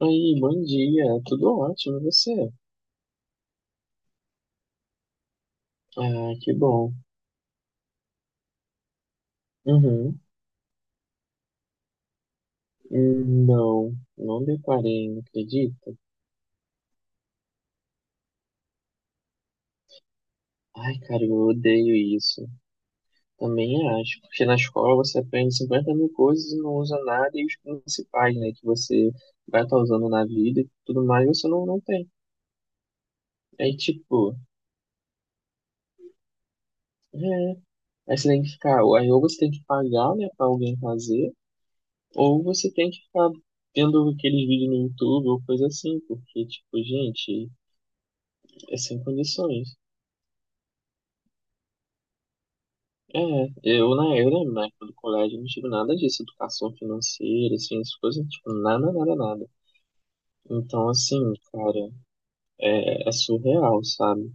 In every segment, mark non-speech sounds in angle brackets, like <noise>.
Oi, bom dia, tudo ótimo, e você? Ah, que bom. Uhum. Não, não deparei, não acredita? Ai, cara, eu odeio isso. Também acho, porque na escola você aprende 50 mil coisas e não usa nada, e os principais, né, que você vai estar usando na vida e tudo mais, você não tem. Aí, tipo, é, aí você tem que ficar, aí ou você tem que pagar, né, pra alguém fazer, ou você tem que ficar vendo aquele vídeo no YouTube ou coisa assim, porque, tipo, gente. É sem condições. É, eu, né, eu lembro na época do colégio, não tive nada disso, educação financeira, assim, essas coisas, tipo, nada, nada, nada. Então, assim, cara, é surreal, sabe?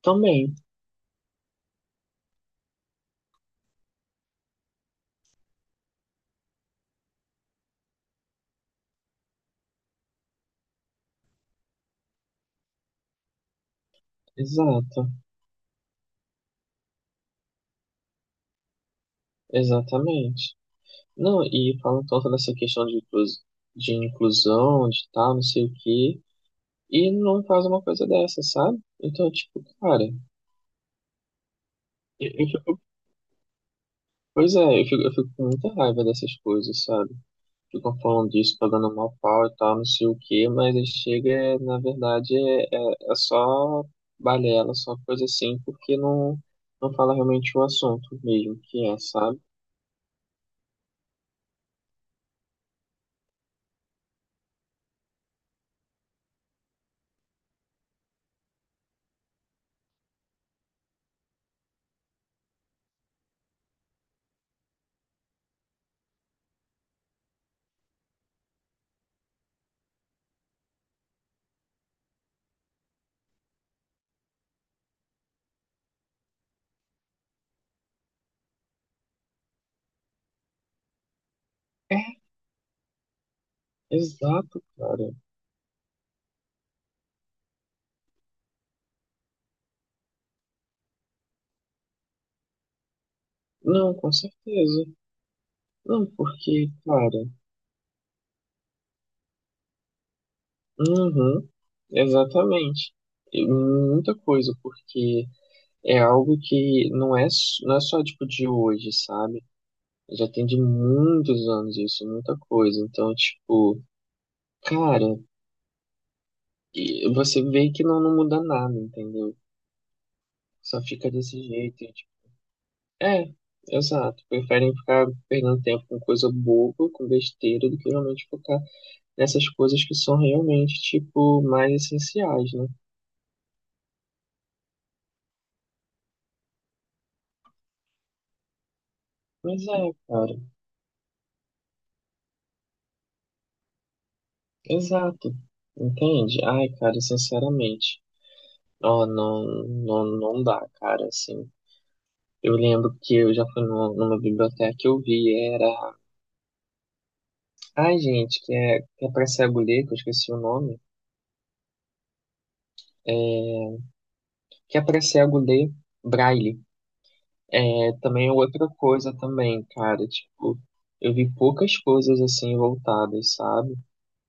Também, exato, exatamente. Não, e falam tanto dessa questão de, de inclusão, de tal, não sei o quê, e não faz uma coisa dessa, sabe? Então, tipo, cara, eu fico, pois é, eu fico com muita raiva dessas coisas, sabe? Ficam falando disso, pagando mal pau e tal, não sei o quê, mas aí chega, na verdade, é só balela, só coisa assim, porque não fala realmente o assunto mesmo que é, sabe? É, exato, cara. Não, com certeza. Não, porque, cara, uhum, exatamente. E muita coisa, porque é algo que não é, não é só, tipo, de hoje, sabe? Já tem de muitos anos isso, muita coisa. Então, tipo, cara, e você vê que não muda nada, entendeu? Só fica desse jeito. E, tipo, é, exato. Preferem ficar perdendo tempo com coisa boba, com besteira, do que realmente focar nessas coisas que são realmente, tipo, mais essenciais, né? Mas é, cara, exato. Entende? Ai, cara, sinceramente, ó, não dá, cara, assim. Eu lembro que eu já fui numa, numa biblioteca que eu vi, era. Ai, gente, que é pra cego ler, que eu esqueci o nome. Que é pra cego ler braille. É, também é outra coisa também, cara, tipo, eu vi poucas coisas assim voltadas, sabe?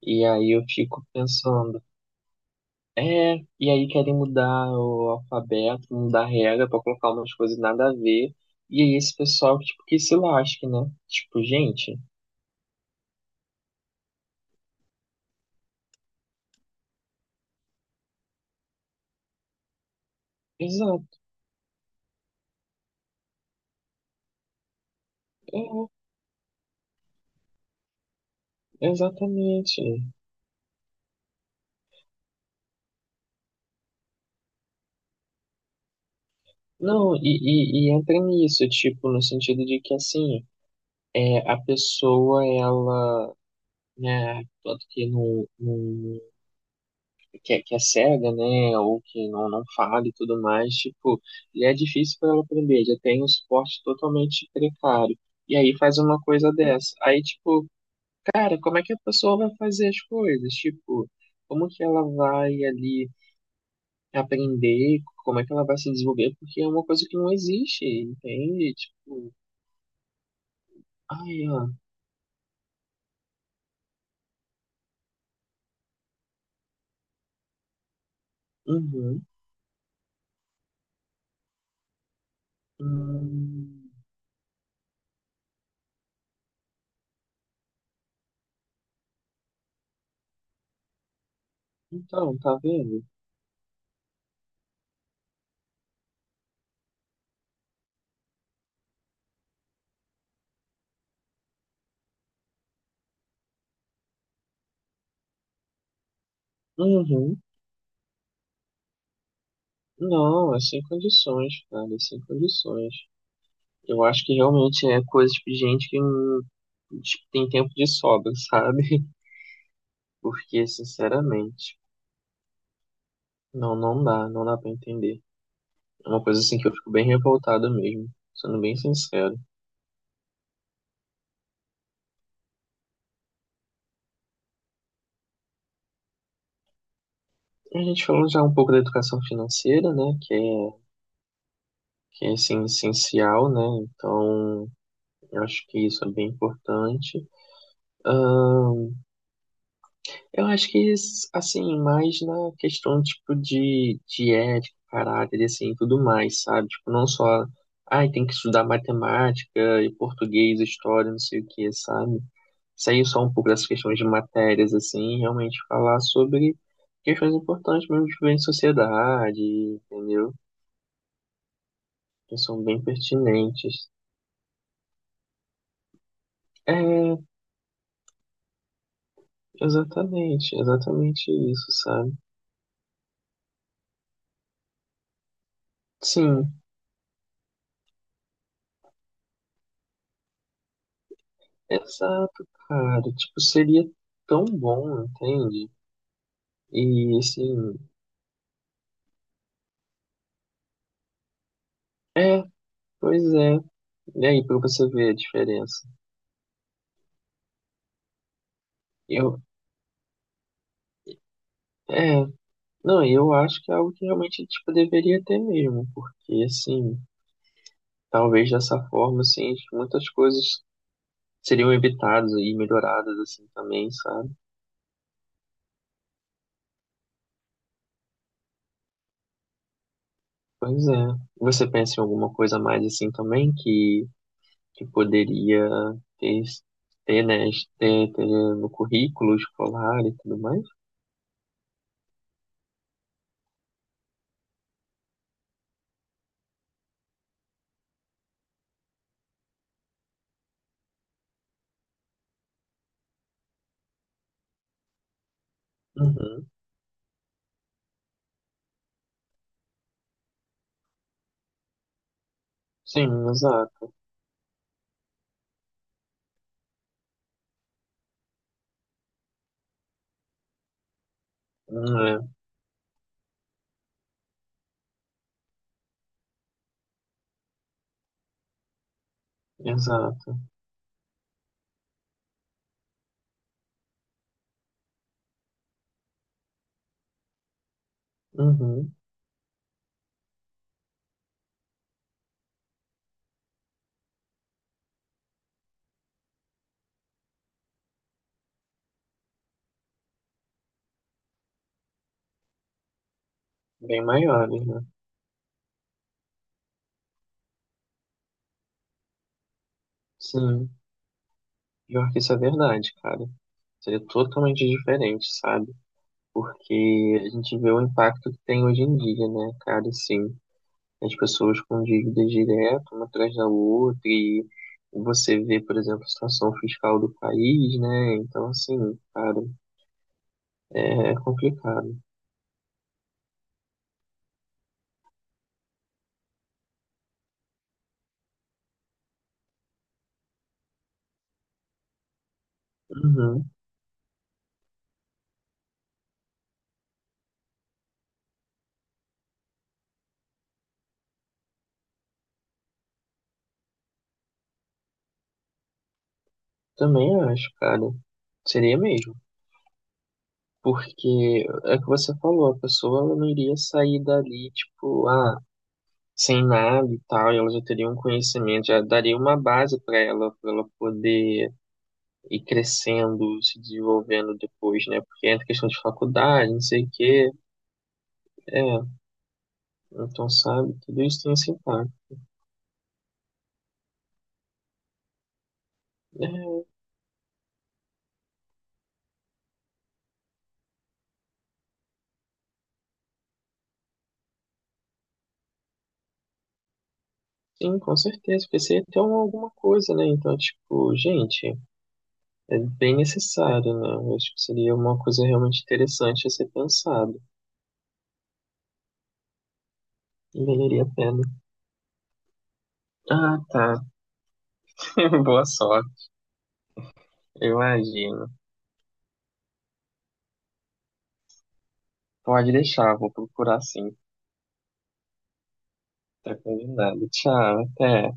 E aí eu fico pensando, é, e aí querem mudar o alfabeto, mudar a regra pra colocar umas coisas nada a ver. E aí esse pessoal, tipo, que se lasque, né? Tipo, gente, exato, é, exatamente. Não, e entra nisso, tipo, no sentido de que assim, é, a pessoa, ela é, tanto que não no que, que é cega, né, ou que não fala e tudo mais, tipo, já é difícil para ela aprender, já tem um suporte totalmente precário. E aí faz uma coisa dessa. Aí, tipo, cara, como é que a pessoa vai fazer as coisas? Tipo, como que ela vai ali aprender? Como é que ela vai se desenvolver? Porque é uma coisa que não existe, entende? Tipo, ai, ó, uhum, hum, então, tá vendo? Uhum. Não, é sem condições, cara, é sem condições. Eu acho que realmente é coisa de gente que não tipo, tem tempo de sobra, sabe? <laughs> Porque, sinceramente, não dá, não dá pra entender. É uma coisa assim que eu fico bem revoltado mesmo, sendo bem sincero. A gente falou já um pouco da educação financeira, né? Que é assim, essencial, né? Então, eu acho que isso é bem importante. Eu acho que, assim, mais na questão, tipo, de ética, caráter, assim, e assim, tudo mais, sabe? Tipo, não só, ai, tem que estudar matemática e português, história, não sei o que, sabe? Sair só um pouco dessas questões de matérias, assim, e realmente falar sobre questões importantes mesmo de viver em sociedade, entendeu? Que são bem pertinentes. É, exatamente, exatamente isso, sabe? Sim, exato, cara. Tipo, seria tão bom, entende? E assim, é, pois é. E aí, pra você ver a diferença. Eu, é, não, eu acho que é algo que realmente, tipo, deveria ter mesmo, porque assim, talvez dessa forma, assim, muitas coisas seriam evitadas e melhoradas, assim, também, sabe? Pois é. Você pensa em alguma coisa a mais, assim, também, que poderia ter, ter, né, ter no currículo escolar e tudo mais. Uhum. Sim, exato. Hum, É, exato. Uhum. Bem maiores, né? Sim, pior que isso é verdade, cara. Seria totalmente diferente, sabe? Porque a gente vê o impacto que tem hoje em dia, né, cara? Sim, as pessoas com dívidas direto, uma atrás da outra, e você vê, por exemplo, a situação fiscal do país, né? Então, assim, cara, é complicado. Uhum. Também acho, cara. Seria mesmo. Porque é o que você falou, a pessoa ela não iria sair dali, tipo, ah, sem nada e tal, e ela já teria um conhecimento, já daria uma base para ela poder ir crescendo, se desenvolvendo depois, né? Porque entra questão de faculdade, não sei o quê. É, então, sabe, tudo isso tem esse impacto. É, sim, com certeza, porque você ia ter uma- alguma coisa, né? Então, tipo, gente. É bem necessário, né? Eu acho que seria uma coisa realmente interessante a ser pensado. E valeria a pena. Ah, tá. <laughs> Boa sorte, eu imagino. Pode deixar, vou procurar sim. Tá combinado. Tchau, até.